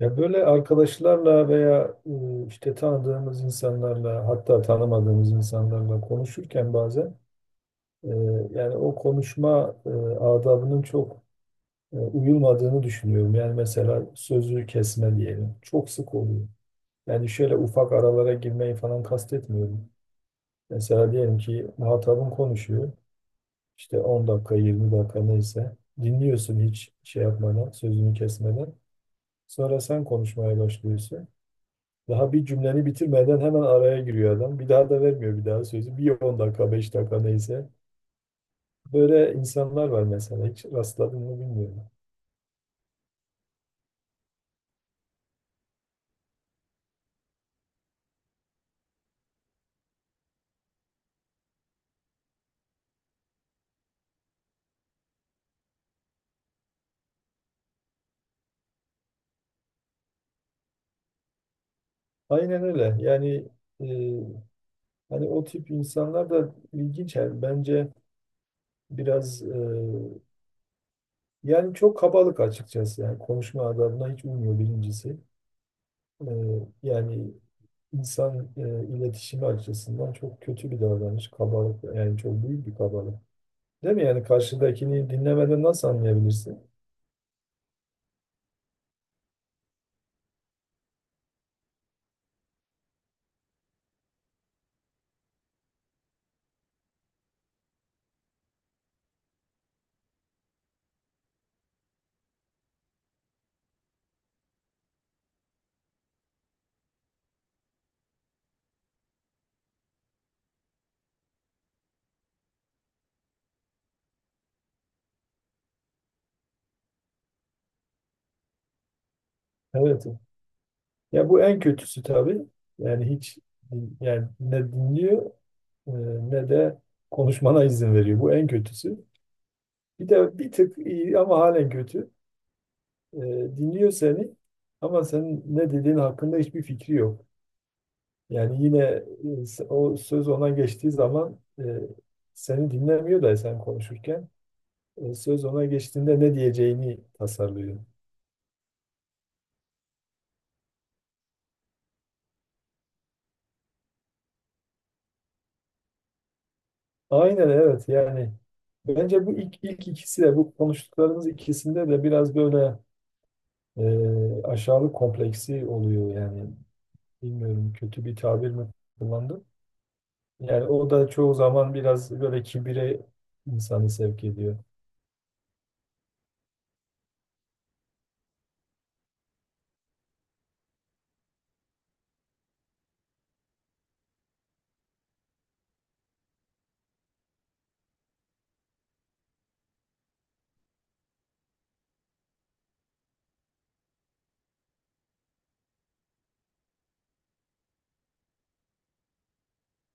Ya böyle arkadaşlarla veya işte tanıdığımız insanlarla hatta tanımadığımız insanlarla konuşurken bazen e, yani o konuşma adabının çok uyulmadığını düşünüyorum. Yani mesela sözü kesme diyelim. Çok sık oluyor. Yani şöyle ufak aralara girmeyi falan kastetmiyorum. Mesela diyelim ki muhatabın konuşuyor. İşte 10 dakika 20 dakika neyse dinliyorsun hiç şey yapmadan sözünü kesmeden. Sonra sen konuşmaya başlıyorsun. Daha bir cümleni bitirmeden hemen araya giriyor adam. Bir daha da vermiyor bir daha sözü. Bir 10 dakika, 5 dakika neyse. Böyle insanlar var mesela. Hiç rastladın mı bilmiyorum. Aynen öyle. Yani e, hani o tip insanlar da ilginç. Yani bence biraz yani çok kabalık açıkçası. Yani konuşma adabına hiç uymuyor birincisi. E, yani insan iletişimi açısından çok kötü bir davranış. Kabalık yani çok büyük bir kabalık. Değil mi? Yani karşıdakini dinlemeden nasıl anlayabilirsin? Evet. Ya bu en kötüsü tabii. Yani hiç yani ne dinliyor e, ne de konuşmana izin veriyor. Bu en kötüsü. Bir de bir tık iyi ama halen kötü. E, dinliyor seni ama senin ne dediğin hakkında hiçbir fikri yok. Yani yine o söz ona geçtiği zaman, seni dinlemiyor da sen konuşurken söz ona geçtiğinde ne diyeceğini tasarlıyor. Aynen evet. Yani bence bu ilk ikisi de, bu konuştuklarımız ikisinde de biraz böyle aşağılık kompleksi oluyor yani. Bilmiyorum, kötü bir tabir mi kullandım. Yani o da çoğu zaman biraz böyle kibire insanı sevk ediyor.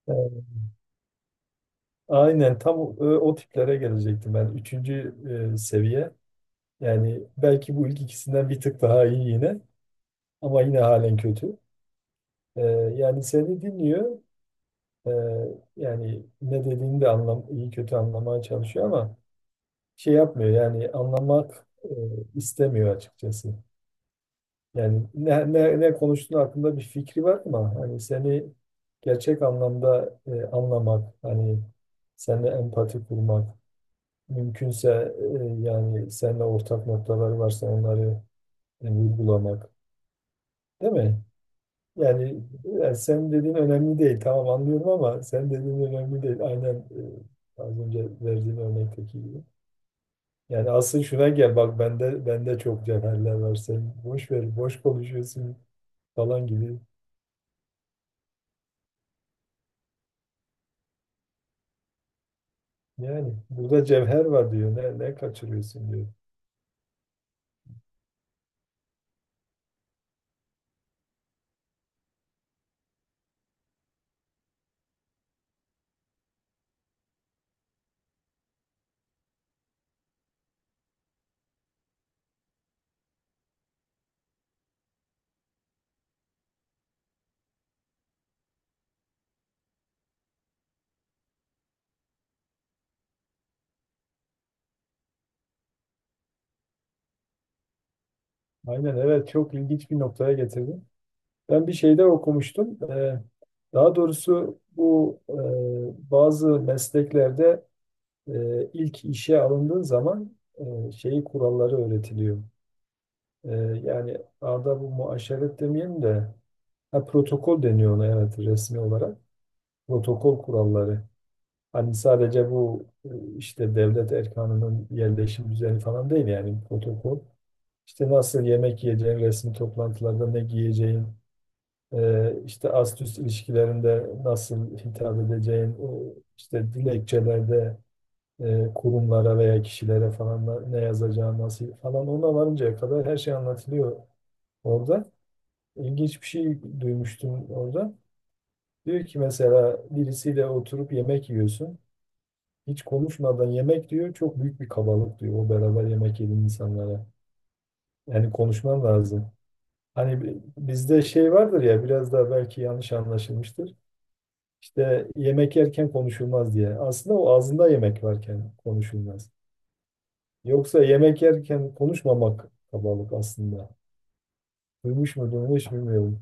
Evet. Aynen tam o, o tiplere gelecektim ben. Üçüncü seviye yani, belki bu ilk ikisinden bir tık daha iyi yine ama yine halen kötü. E, yani seni dinliyor. Ee, yani ne dediğini de anlam iyi kötü anlamaya çalışıyor ama şey yapmıyor yani anlamak, istemiyor açıkçası. Yani ne konuştuğun hakkında bir fikri var ama hani seni gerçek anlamda anlamak, hani seninle empati kurmak, mümkünse yani seninle ortak noktaları varsa onları vurgulamak, değil mi? Yani, yani senin dediğin önemli değil. Tamam, anlıyorum ama senin dediğin önemli değil. Aynen az önce verdiğin örnekteki gibi. Yani asıl şuna gel, bak bende çok cevherler var, sen boş ver, boş konuşuyorsun falan gibi. Yani burada cevher var diyor. Ne kaçırıyorsun diyor. Aynen evet, çok ilginç bir noktaya getirdin. Ben bir şeyde okumuştum. Daha doğrusu bu, bazı mesleklerde ilk işe alındığın zaman şeyi kuralları öğretiliyor. E, yani arada bu muaşeret demeyelim de, ha, protokol deniyor ona, evet, resmi olarak. Protokol kuralları. Hani sadece bu, işte devlet erkanının yerleşim düzeni falan değil yani protokol. İşte nasıl yemek yiyeceğin, resmi toplantılarda ne giyeceğin, işte ast üst ilişkilerinde nasıl hitap edeceğin, o işte dilekçelerde kurumlara veya kişilere falan da ne yazacağı nasıl falan, ona varıncaya kadar her şey anlatılıyor orada. İlginç bir şey duymuştum orada. Diyor ki mesela birisiyle oturup yemek yiyorsun. Hiç konuşmadan yemek diyor çok büyük bir kabalık diyor o beraber yemek yediğin insanlara. Yani konuşman lazım. Hani bizde şey vardır ya, biraz daha belki yanlış anlaşılmıştır. İşte yemek yerken konuşulmaz diye. Aslında o, ağzında yemek varken konuşulmaz. Yoksa yemek yerken konuşmamak kabalık aslında. Duymuş mu bunu hiç bilmiyorum.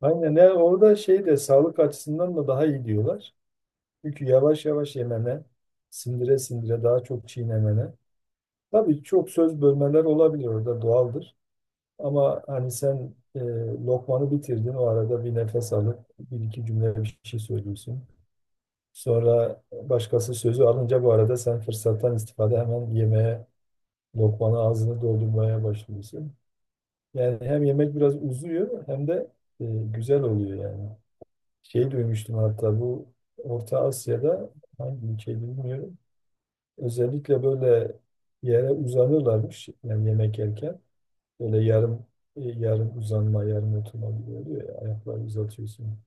Aynen, yani orada şey de, sağlık açısından da daha iyi diyorlar. Çünkü yavaş yavaş yemene, sindire sindire daha çok çiğnemene. Tabii çok söz bölmeler olabilir orada, doğaldır. Ama hani sen lokmanı bitirdin, o arada bir nefes alıp bir iki cümle bir şey söylüyorsun. Sonra başkası sözü alınca, bu arada sen fırsattan istifade hemen yemeğe, lokmanı ağzını doldurmaya başlıyorsun. Yani hem yemek biraz uzuyor hem de e, güzel oluyor yani. Şey duymuştum hatta, bu Orta Asya'da, hangi ülkeyi bilmiyorum. Özellikle böyle yere uzanırlarmış yani yemek yerken. Böyle yarım, yarım uzanma, yarım oturma gibi oluyor ya. Ayakları uzatıyorsun.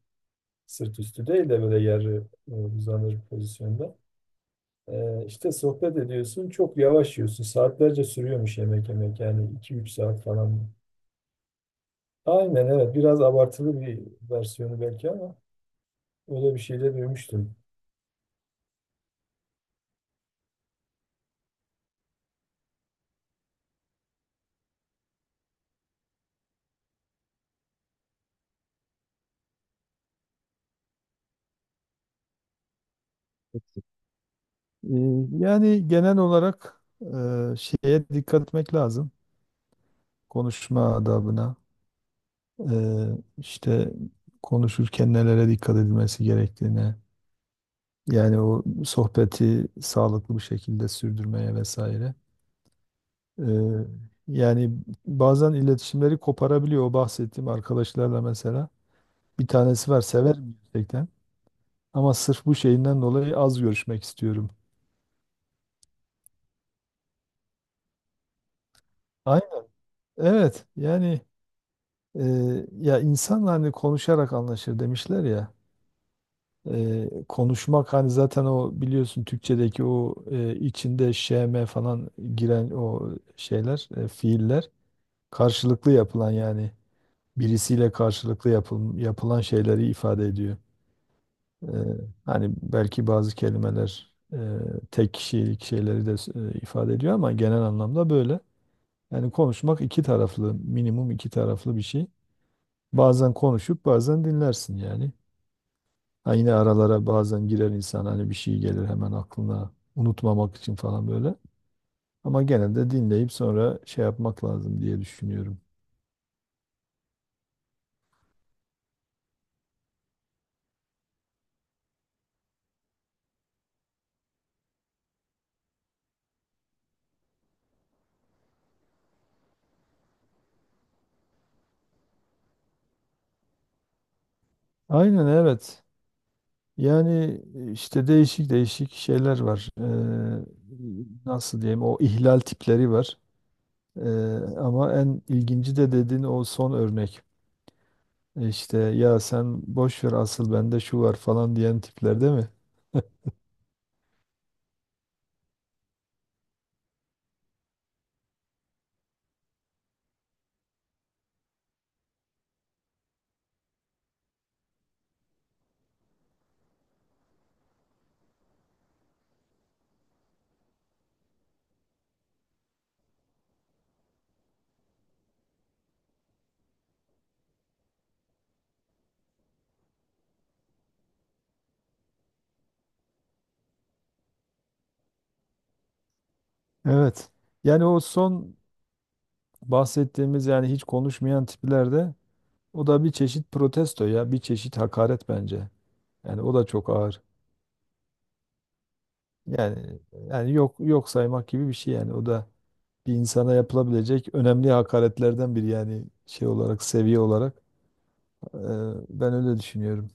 Sırt üstü değil de böyle yarı, uzanır pozisyonda. İşte sohbet ediyorsun. Çok yavaş yiyorsun. Saatlerce sürüyormuş yemek yemek. Yani iki üç saat falan. Aynen evet. Biraz abartılı bir versiyonu belki ama öyle bir şey de duymuştum. Yani genel olarak şeye dikkat etmek lazım. Konuşma adabına, e, işte konuşurken nelere dikkat edilmesi gerektiğine, yani o sohbeti sağlıklı bir şekilde sürdürmeye vesaire. E, yani bazen iletişimleri koparabiliyor. O bahsettiğim arkadaşlarla mesela, bir tanesi var, sever gerçekten ama sırf bu şeyinden dolayı az görüşmek istiyorum. Aynen. Evet. Yani e, ya insan hani konuşarak anlaşır demişler ya. Konuşmak, hani zaten o biliyorsun Türkçedeki o, içinde şeme falan giren o şeyler, fiiller karşılıklı yapılan yani, birisiyle karşılıklı yapılan şeyleri ifade ediyor. E, hani belki bazı kelimeler tek kişilik şeyleri de ifade ediyor ama genel anlamda böyle. Yani konuşmak iki taraflı, minimum iki taraflı bir şey. Bazen konuşup bazen dinlersin yani. Ha, yine aralara bazen girer insan, hani bir şey gelir hemen aklına, unutmamak için falan böyle. Ama genelde dinleyip sonra şey yapmak lazım diye düşünüyorum. Aynen evet. Yani işte değişik değişik şeyler var. Nasıl diyeyim, o ihlal tipleri var. Ee, ama en ilginci de dediğin o son örnek. İşte ya sen boş ver, asıl bende şu var falan diyen tipler, değil mi? Evet. Yani o son bahsettiğimiz, yani hiç konuşmayan tiplerde, o da bir çeşit protesto ya bir çeşit hakaret bence. Yani o da çok ağır. Yani, yani yok yok saymak gibi bir şey, yani o da bir insana yapılabilecek önemli hakaretlerden biri yani, şey olarak, seviye olarak. Ee, ben öyle düşünüyorum.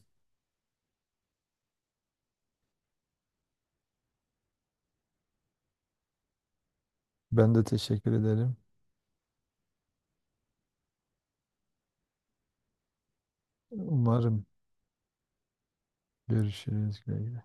Ben de teşekkür ederim. Umarım görüşürüz. Güle güle.